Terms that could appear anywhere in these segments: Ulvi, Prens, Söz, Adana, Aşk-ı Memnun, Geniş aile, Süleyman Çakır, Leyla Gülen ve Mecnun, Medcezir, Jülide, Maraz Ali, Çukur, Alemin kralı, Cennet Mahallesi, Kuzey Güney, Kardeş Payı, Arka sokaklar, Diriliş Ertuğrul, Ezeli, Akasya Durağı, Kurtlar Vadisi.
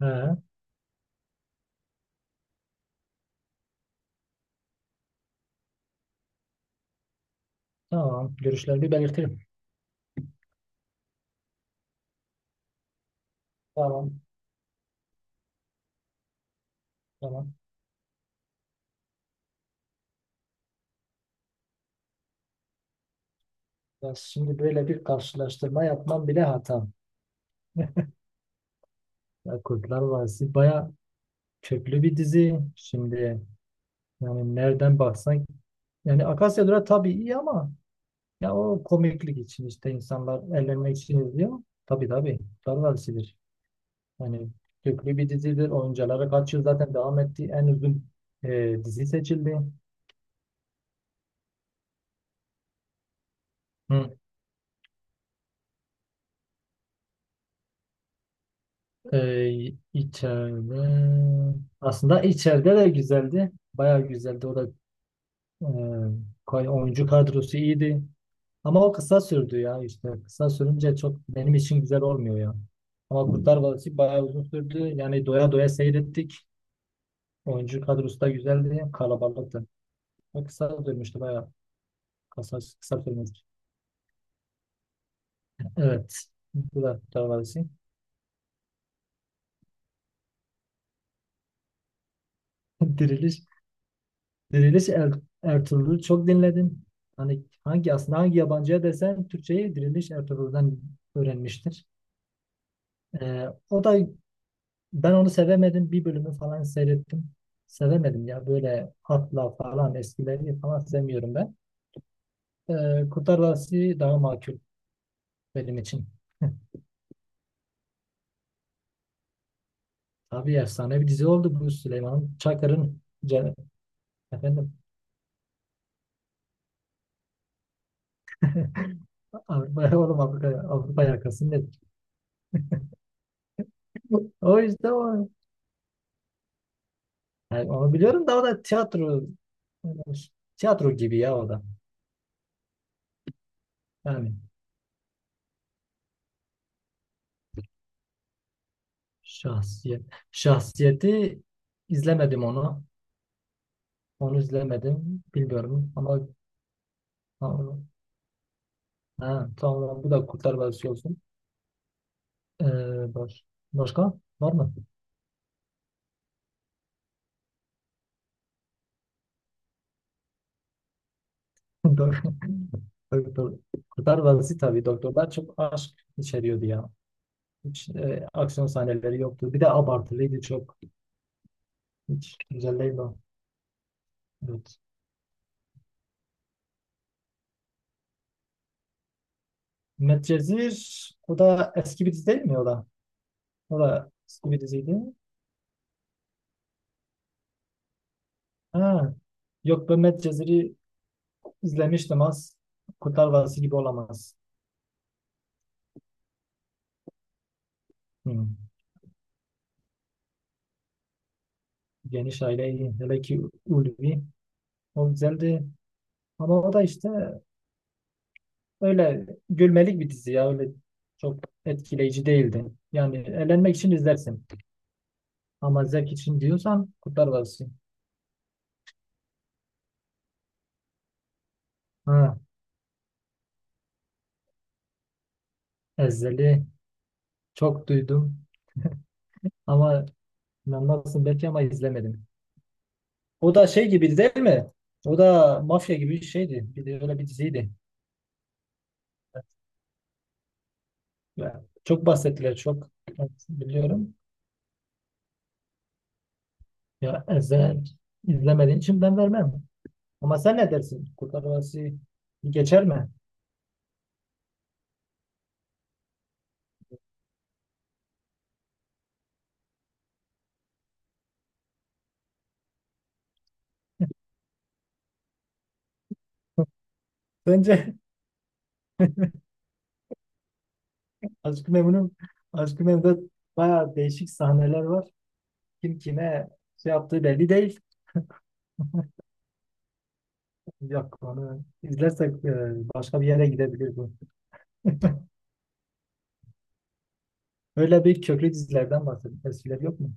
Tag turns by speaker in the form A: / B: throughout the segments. A: He, tamam. Görüşlerini belirtirim. Tamam. Tamam. Ya şimdi böyle bir karşılaştırma yapmam bile hata. Ya Kurtlar Vadisi baya köklü bir dizi. Şimdi yani nereden baksan yani Akasya Durağı tabii iyi ama ya o komiklik için işte insanlar eğlenmek için izliyor. Tabii tabii. Kurtlar Vadisi'dir. Yani köklü bir dizidir. Oyuncuları kaç yıl zaten devam etti. En uzun dizi seçildi. Hı içeride aslında içeride de güzeldi. Bayağı güzeldi. O da e, oyuncu kadrosu iyiydi. Ama o kısa sürdü ya işte. Kısa sürünce çok benim için güzel olmuyor ya. Ama Kurtlar Vadisi bayağı uzun sürdü. Yani doya doya seyrettik. Oyuncu kadrosu da güzeldi. Kalabalıktı. O kısa sürmüştü bayağı. Kısa sürmüştü. Evet. Bu da Kurtlar Vadisi. Diriliş. Diriliş Er- Ertuğrul'u çok dinledim. Hani hangi aslında hangi yabancıya desen Türkçeyi Diriliş Ertuğrul'dan öğrenmiştir. O da ben onu sevemedim. Bir bölümü falan seyrettim. Sevemedim ya böyle hatla falan eskileri falan sevmiyorum ben. Kurtlar Vadisi daha makul benim için. Tabii efsane bir dizi oldu bu Süleyman Çakır'ın ce- efendim. Avrupa oğlum Avrupa, Avrupa yakası nedir? O işte o. Yani onu biliyorum da o da tiyatro gibi ya o da. Yani şahsiyet şahsiyeti izlemedim onu. Onu izlemedim. Bilmiyorum ama ha, ha, tamam bu da Kurtlar Vadisi olsun. Ee, baş, başka var mı? Doktor. Doktor- Kurtlar Vadisi tabii doktorlar çok aşk içeriyordu ya. Hiç aksiyon sahneleri yoktu. Bir de abartılıydı çok. Hiç güzel değil o. Evet. Medcezir o da eski bir dizi değil mi o da? O da eski bir diziydi. Ha. Yok ben Medcezir'i izlemiştim az. Kurtlar Vadisi gibi olamaz. Hmm. Geniş aile iyi. Hele ki Ulvi. O güzeldi. Ama o da işte öyle gülmelik bir dizi ya. Öyle çok etkileyici değildi. Yani eğlenmek için izlersin. Ama zevk için diyorsan Kurtlar Vadisi. Ha. Ezeli. Çok duydum. Ama inanmazsın belki ama izlemedim. O da şey gibiydi değil mi? O da mafya gibi bir şeydi. Bir de öyle bir diziydi. Ya, çok bahsettiler çok. Evet, biliyorum. Ya izle, izlemediğin için ben vermem. Ama sen ne dersin? Kurtlar Vadisi geçer mi? Bence. Aşk-ı Memnun, Aşk-ı Memnun'da bayağı değişik sahneler var. Kim kime şey yaptığı belli değil. Yok onu izlersek başka bir yere gidebilir bu. Öyle bir köklü dizilerden bahsedin. Eskiler yok mu?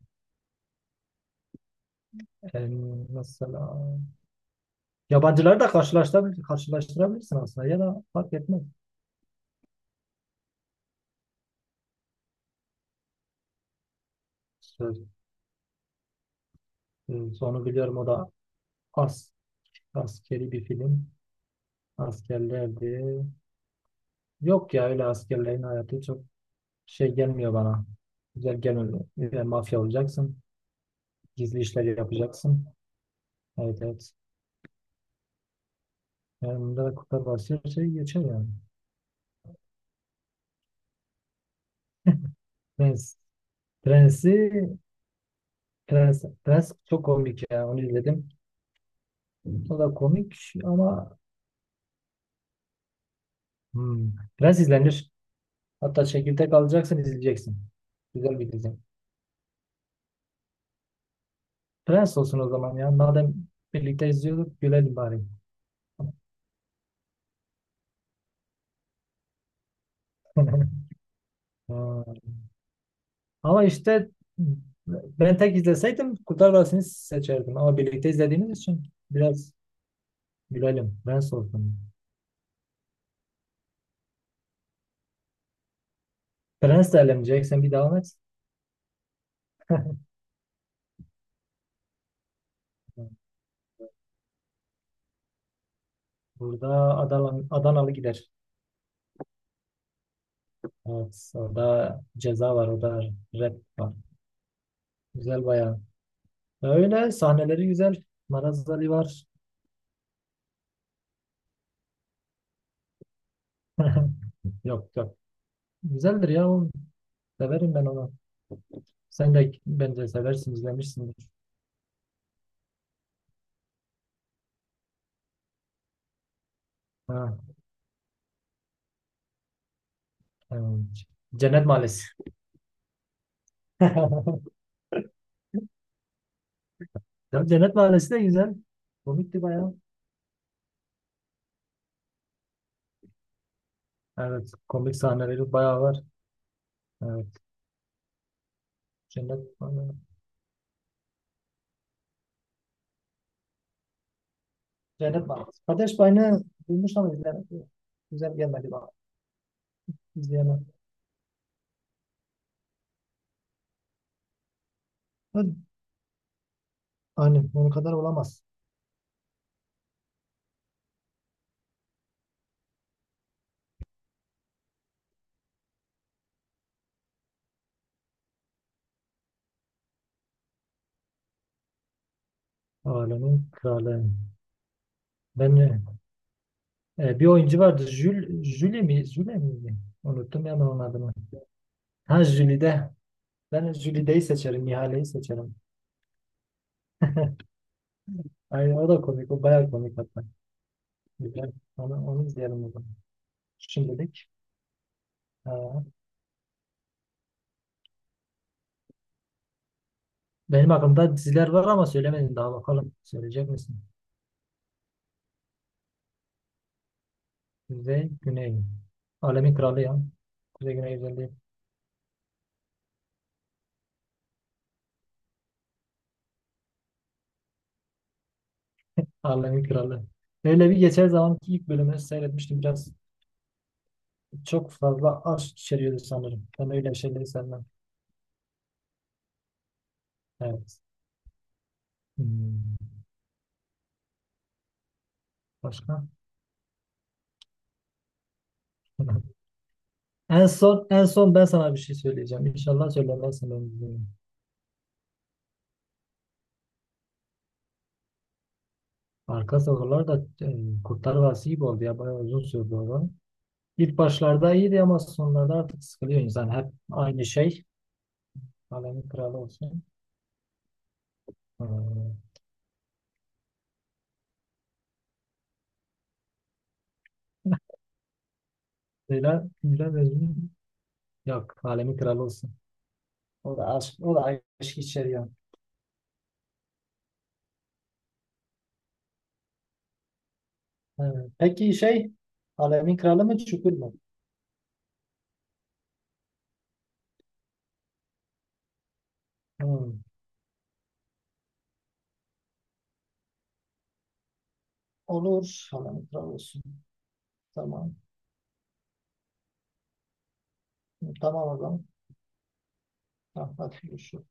A: E, mesela. Karşılaştırabilirsin aslında ya da fark etmez. Söz, sonu biliyorum o da as, askeri bir film. Askerlerdi. Yok ya öyle askerlerin hayatı çok şey gelmiyor bana. Güzel gelmiyor. Yani mafya olacaksın. Gizli işler yapacaksın. Evet evet. Yani bunda da Kurtlar Vadisi şey geçer yani. Prens. Prensi Prens çok komik ya. Onu izledim. O da komik ama hmm, Prens izlenir. Hatta çekirdek alacaksın izleyeceksin. Güzel bir dizi. Prens olsun o zaman ya. Madem birlikte izliyorduk gülelim bari. Ha, ama işte ben tek izleseydim Kurtlar Vadisi'ni seçerdim. Ama birlikte izlediğimiz için biraz gülelim. Prens olsun. Prens de elemeyecek. Sen bir devam et. Burada Adanalı gider. Evet. Orada ceza var. Orada rap var. Güzel bayağı. Öyle sahneleri güzel. Maraz Ali var. Yok yok. Güzeldir ya oğlum. Severim ben onu. Sen de bence seversin, izlemişsindir. Ha, evet. Cennet Mahallesi. Ya Cennet Mahallesi de güzel. Komikti bayağı. Evet, komik sahneleri bayağı var. Evet, Cennet Mahallesi. Cennet Mahallesi. Kardeş Payını duymuş ama izlemedim. Güzel gelmedi bana. İzleyemem. Hadi. Aynen, onun kadar olamaz. Alemin kralı. Ben bir oyuncu vardı. Jüli mi? Jüle miydi? Unuttum ya ben onun adını. Ha Jülide. Ben Jülide'yi seçerim, Ihale'yi seçerim. Aynen o da komik, o bayağı komik hatta. Güzel. Onu izleyelim o zaman. Şimdilik. Ee, benim aklımda diziler var ama söylemedim daha bakalım. Söyleyecek misin? Güney. Alemin Kralı ya. Kuzey Güney güzelliği. Alemin Kralı. Öyle bir geçen zamanki ilk bölümünü seyretmiştim. Biraz çok fazla aşk içeriyordu sanırım. Ben öyle şeyleri sevmem. Evet. Hmm. Başka? En son ben sana bir şey söyleyeceğim. İnşallah söylemezsin. Ben bunu. Arka sokaklar da Kurtlar Vadisi gibi oldu ya. Bayağı uzun sürdü o. İlk başlarda iyiydi ama sonlarda artık sıkılıyor insan. Hep aynı şey. Alemin kralı olsun. Ee, Gülen ve Mecnun yok. Alemin kralı olsun. O da aşk, o da aşk içeriyor. Evet. Peki şey Alemin kralı mı Çukur mu? Hmm. Olur. Alemin kralı olsun. Tamam. Tamam o zaman. Tamam, hadi görüşürüz.